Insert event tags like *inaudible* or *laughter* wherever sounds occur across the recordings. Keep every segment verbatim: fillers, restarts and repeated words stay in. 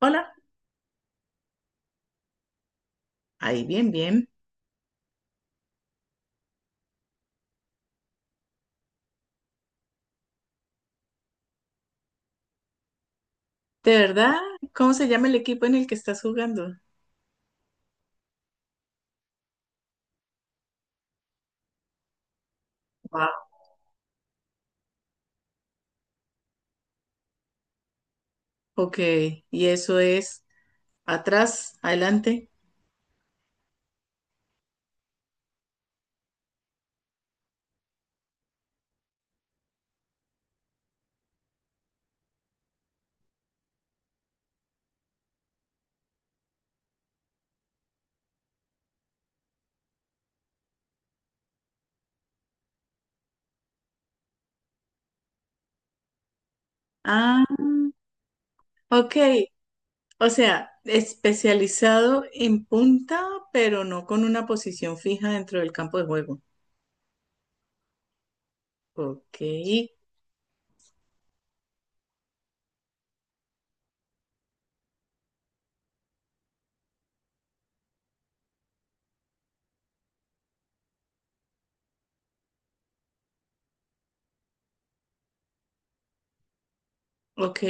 Hola, ahí bien, bien. ¿De verdad? ¿Cómo se llama el equipo en el que estás jugando? Wow. Ok, y eso es ¿atrás, adelante? Ah, ok. O sea, especializado en punta, pero no con una posición fija dentro del campo de juego. Ok, ok.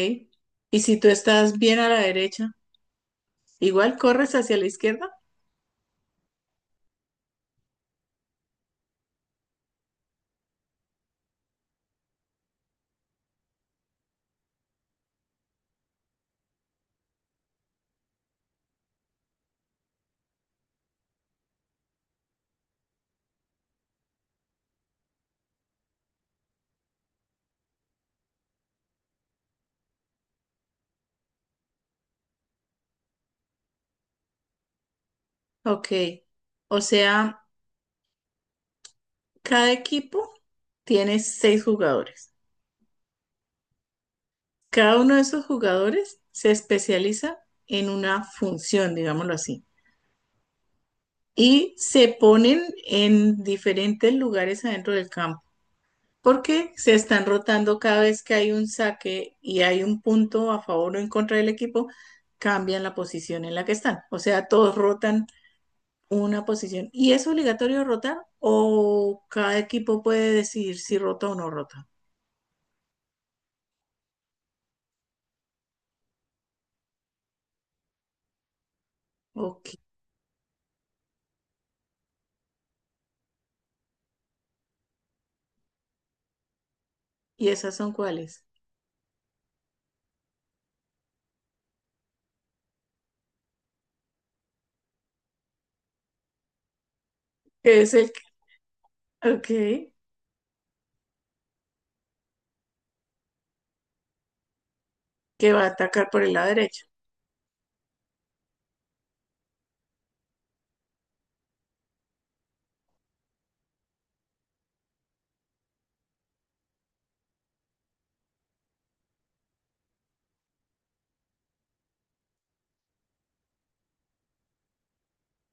¿Y si tú estás bien a la derecha, igual corres hacia la izquierda? Ok. O sea, cada equipo tiene seis jugadores. Cada uno de esos jugadores se especializa en una función, digámoslo así, y se ponen en diferentes lugares adentro del campo, porque se están rotando cada vez que hay un saque y hay un punto a favor o en contra del equipo, cambian la posición en la que están. O sea, todos rotan una posición. ¿Y es obligatorio rotar o cada equipo puede decidir si rota o no rota? Ok. ¿Y esas son cuáles? ¿Qué es el... Ok. Que va a atacar por el lado derecho.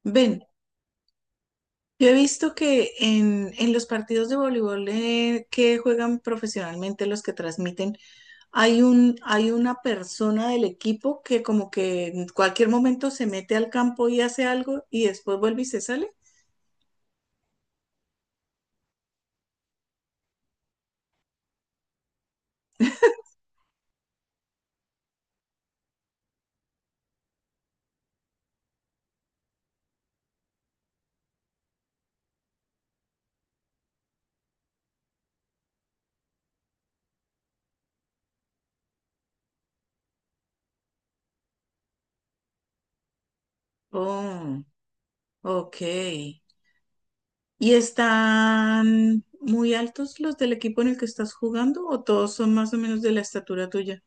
Ven, yo he visto que en, en los partidos de voleibol eh, que juegan profesionalmente los que transmiten, hay un, hay una persona del equipo que como que en cualquier momento se mete al campo y hace algo y después vuelve y se sale. Oh, ok. ¿Y están muy altos los del equipo en el que estás jugando o todos son más o menos de la estatura tuya?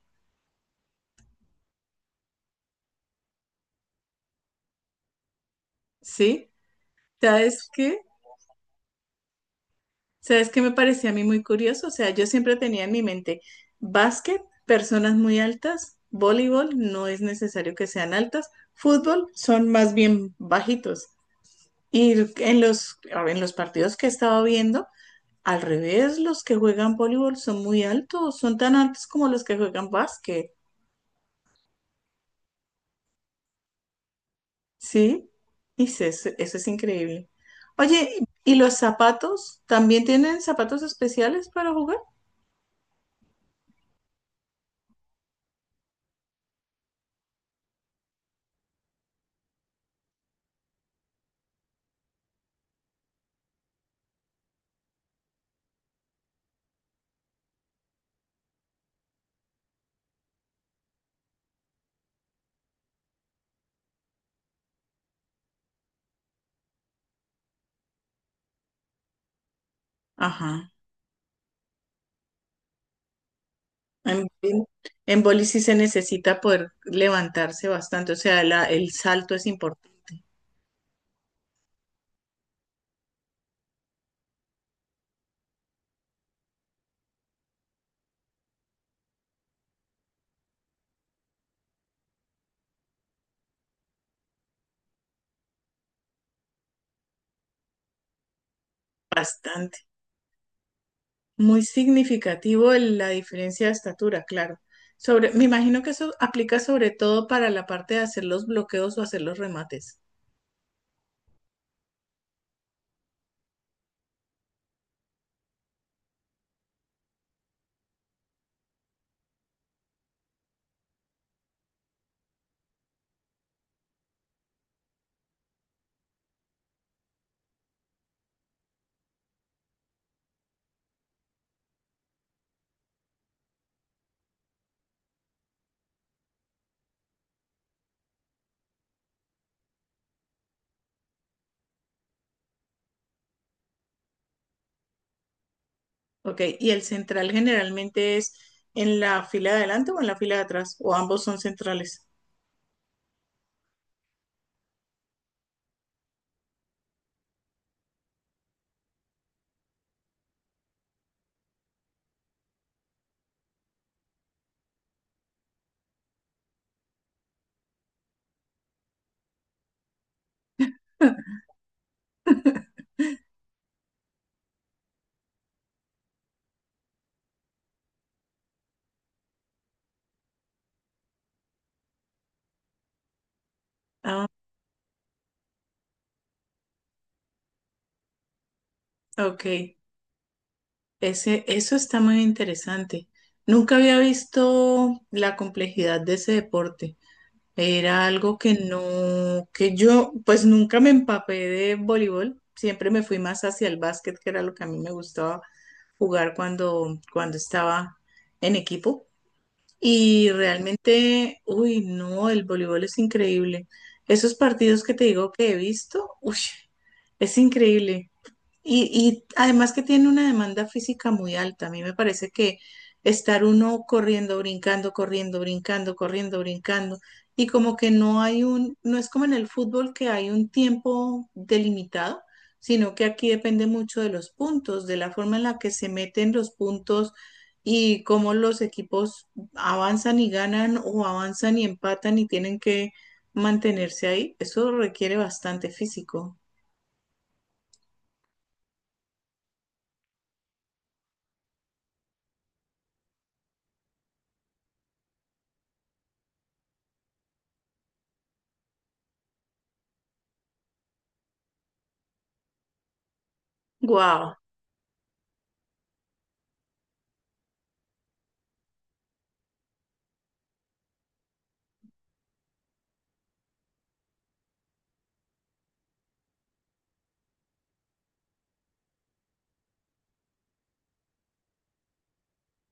¿Sí? ¿Sabes qué? ¿Sabes qué me parecía a mí muy curioso? O sea, yo siempre tenía en mi mente básquet, personas muy altas, voleibol, no es necesario que sean altas, fútbol, son más bien bajitos. Y en los, en los partidos que estaba viendo, al revés, los que juegan voleibol son muy altos, son tan altos como los que juegan básquet, ¿sí? Y se- eso, eso es increíble. Oye, ¿y los zapatos? ¿También tienen zapatos especiales para jugar? Ajá. En, bowling- en boli sí se necesita poder levantarse bastante, o sea, la- el salto es importante, bastante. Muy significativo el- la diferencia de estatura, claro. Sobre, me imagino que eso aplica sobre todo para la parte de hacer los bloqueos o hacer los remates. Ok, ¿y el central generalmente es en la fila de adelante o en la fila de atrás? ¿O ambos son centrales? *laughs* Ah, ok. Ese, eso está muy interesante. Nunca había visto la complejidad de ese deporte. Era algo que no, que yo pues nunca me empapé de voleibol. Siempre me fui más hacia el básquet, que era lo que a mí me gustaba jugar cuando, cuando estaba en equipo. Y realmente, uy, no, el voleibol es increíble. Esos partidos que te digo que he visto, uy, es increíble. Y, y además que tiene una demanda física muy alta. A mí me parece que estar uno corriendo, brincando, corriendo, brincando, corriendo, brincando, y como que no hay un, no es como en el fútbol que hay un tiempo delimitado, sino que aquí depende mucho de los puntos, de la forma en la que se meten los puntos y cómo los equipos avanzan y ganan o avanzan y empatan y tienen que mantenerse ahí. Eso requiere bastante físico. Wow,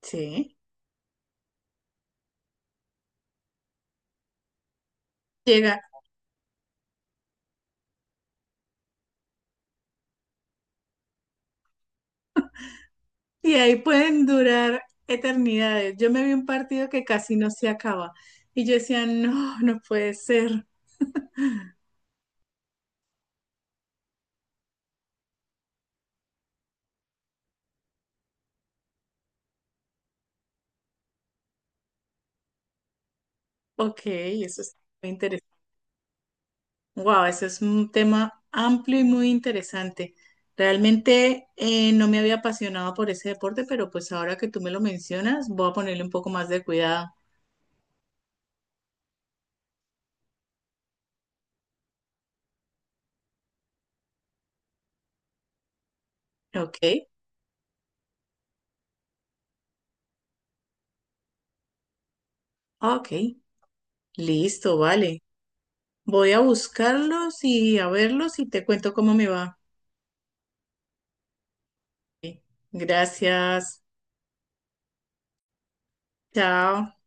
sí. Llega- Y ahí pueden durar eternidades. Yo me vi un partido que casi no se acaba. Y yo decía, no, no puede ser. Ok, eso es muy interesante. Wow, eso es un tema amplio y muy interesante. Realmente eh, no me había apasionado por ese deporte, pero pues ahora que tú me lo mencionas, voy a ponerle un poco más de cuidado. Ok, ok, listo, vale. Voy a buscarlos y a verlos y te cuento cómo me va. Ok, gracias. Chao.